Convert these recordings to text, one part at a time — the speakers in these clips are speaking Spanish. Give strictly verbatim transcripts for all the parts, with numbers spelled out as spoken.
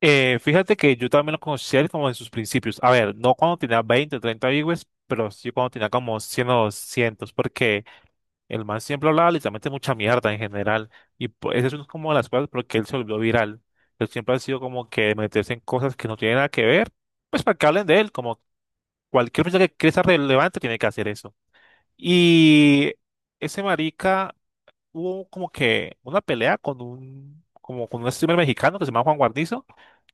Eh, fíjate que yo también lo conocí a él como en sus principios. A ver, no cuando tenía veinte o treinta viewers, pero sí cuando tenía como cien o doscientos, porque el man siempre hablaba literalmente mucha mierda en general. Y pues eso es una como de las cosas porque él se volvió viral. Él siempre ha sido como que meterse en cosas que no tienen nada que ver, pues para que hablen de él, como cualquier persona que quiera ser relevante tiene que hacer eso. Y ese marica hubo como que una pelea con un, como con un streamer mexicano que se llama Juan Guarnizo,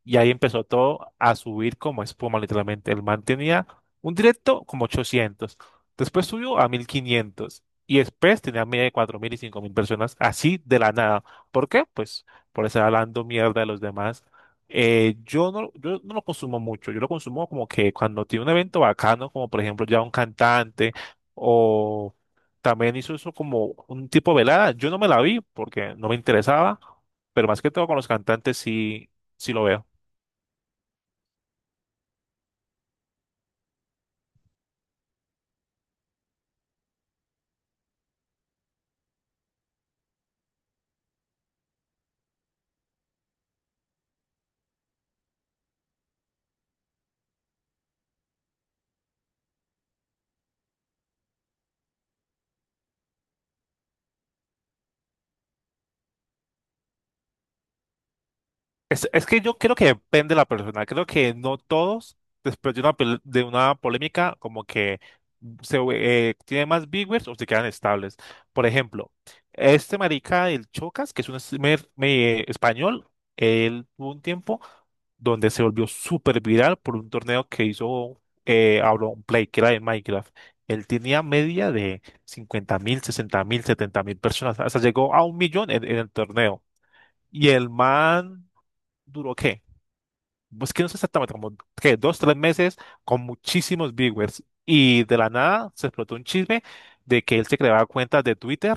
y ahí empezó todo a subir como espuma, literalmente. El man tenía un directo como ochocientos. Después subió a mil quinientos. Y después tenía media de cuatro mil y cinco mil personas, así de la nada. ¿Por qué? Pues por estar hablando mierda de los demás. Eh, yo no, yo no lo consumo mucho. Yo lo consumo como que cuando tiene un evento bacano, como por ejemplo ya un cantante, o también hizo eso como un tipo velada. Yo no me la vi porque no me interesaba, pero más que todo con los cantantes sí, sí lo veo. Es, es que yo creo que depende de la persona. Creo que no todos, después de una, pel- de una polémica, como que se eh, tiene más viewers o se quedan estables. Por ejemplo, este marica del Chocas, que es un streamer eh, español, él tuvo un tiempo donde se volvió súper viral por un torneo que hizo eh, Auron Play, que era de Minecraft. Él tenía media de cincuenta mil, sesenta mil, setenta mil personas, hasta llegó a un millón en, en, el torneo. Y el man, ¿duró qué? Pues que no sé exactamente, como que dos, tres meses con muchísimos viewers. Y de la nada se explotó un chisme de que él se creaba cuentas de Twitter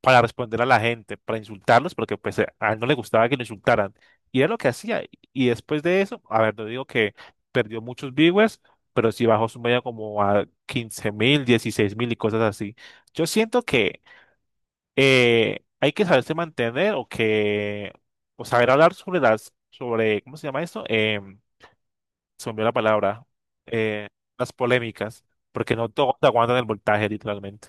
para responder a la gente, para insultarlos, porque pues eh, a él no le gustaba que lo insultaran. Y era lo que hacía. Y después de eso, a ver, no digo que perdió muchos viewers, pero sí bajó su media como a quince mil, dieciséis mil y cosas así. Yo siento que eh, hay que saberse mantener, o que, o saber hablar sobre las, sobre, ¿cómo se llama esto? Em, se me olvidó la palabra, eh, las polémicas, porque no todos aguantan el voltaje, literalmente.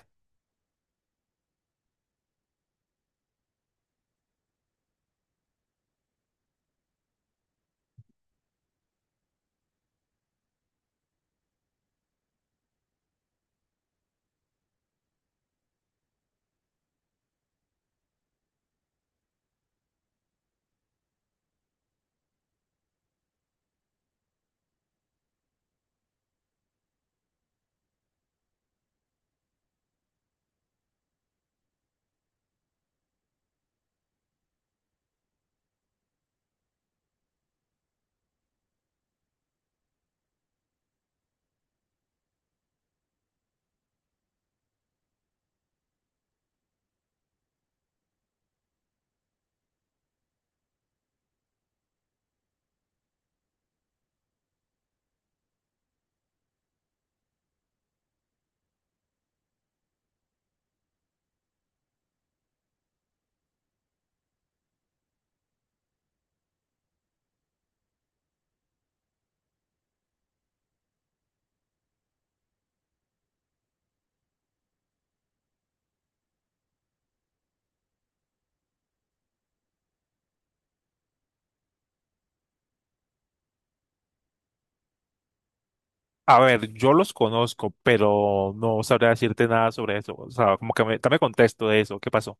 A ver, yo los conozco, pero no sabría decirte nada sobre eso. O sea, como que me, dame contexto de eso. ¿Qué pasó?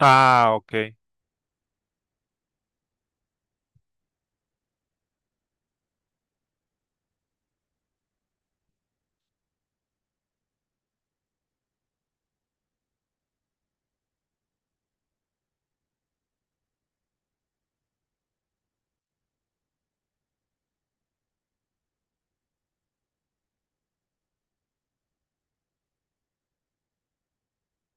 Ah, ok.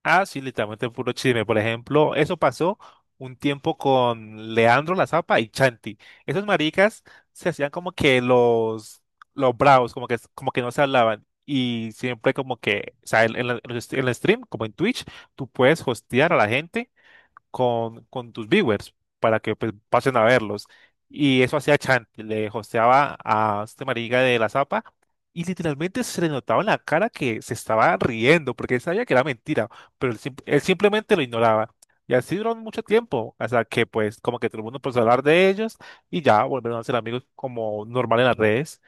Ah, sí, literalmente puro chisme. Por ejemplo, eso pasó un tiempo con Leandro La Zapa y Chanti. Esos maricas se hacían como que los, los bravos, como que, como que no se hablaban. Y siempre como que, o sea, en, en la- en los- en el stream, como en Twitch, tú puedes hostear a la gente con, con tus viewers para que pues, pasen a verlos. Y eso hacía Chanti, le hosteaba a este marica de la Zapa, y literalmente se le notaba en la cara que se estaba riendo porque él sabía que era mentira, pero él, sim- él simplemente lo ignoraba. Y así duró mucho tiempo, hasta que pues como que todo el mundo empezó a hablar de ellos y ya volvieron a ser amigos como normal en las redes.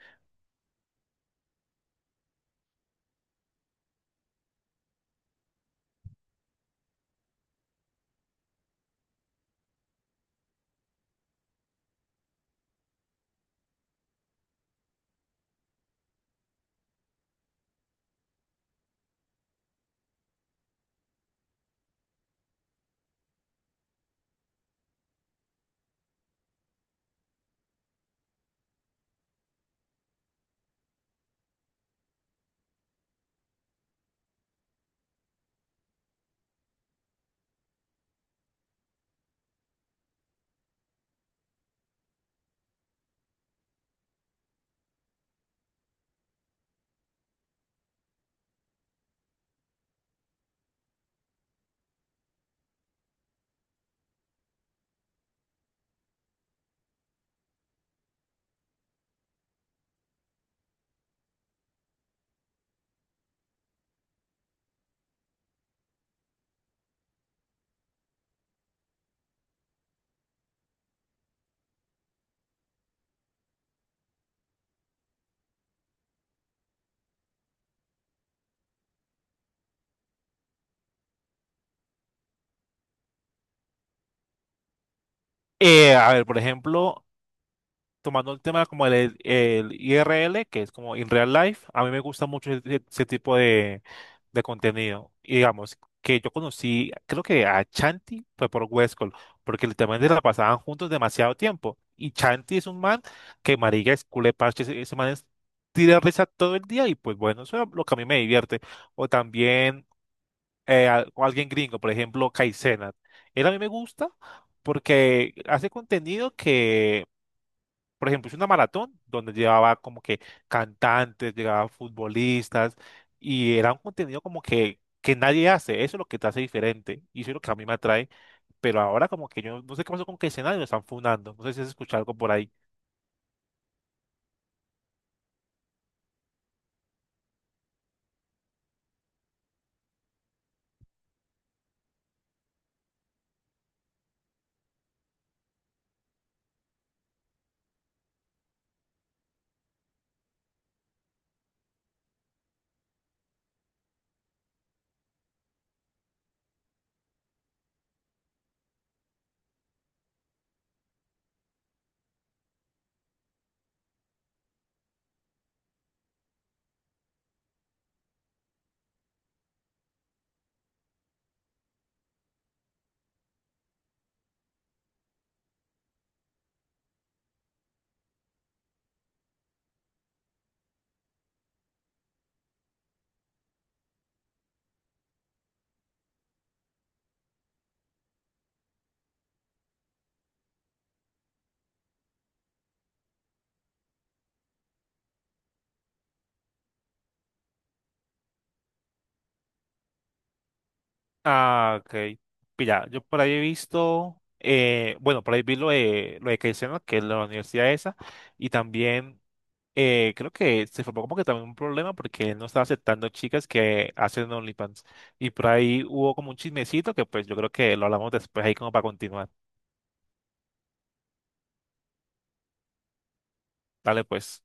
Eh, a ver, por ejemplo, tomando el tema como el, el I R L, que es como in real life, a mí me gusta mucho ese, ese tipo de, de contenido. Y digamos que yo conocí, creo que a Chanti fue por Westcol, porque literalmente la pasaban juntos demasiado tiempo. Y Chanti es un man que marica es culé parche, ese, ese man es tira risa todo el día y pues bueno, eso es lo que a mí me divierte. O también eh, al- o alguien gringo, por ejemplo, Kai Cenat. Él a mí me gusta porque hace contenido que, por ejemplo, hice una maratón donde llevaba como que cantantes, llevaba futbolistas, y era un contenido como que, que nadie hace. Eso es lo que te hace diferente y eso es lo que a mí me atrae. Pero ahora como que yo no sé qué pasó con que escenario lo están fundando. No sé si has escuchado algo por ahí. Ah, ok. Mira, yo por ahí he visto, eh, bueno, por ahí vi lo de, lo de Keizena, que es la universidad esa, y también, eh, creo que se formó como que también un problema porque él no estaba aceptando chicas que hacen OnlyFans. Y por ahí hubo como un chismecito que pues yo creo que lo hablamos después ahí como para continuar. Dale pues.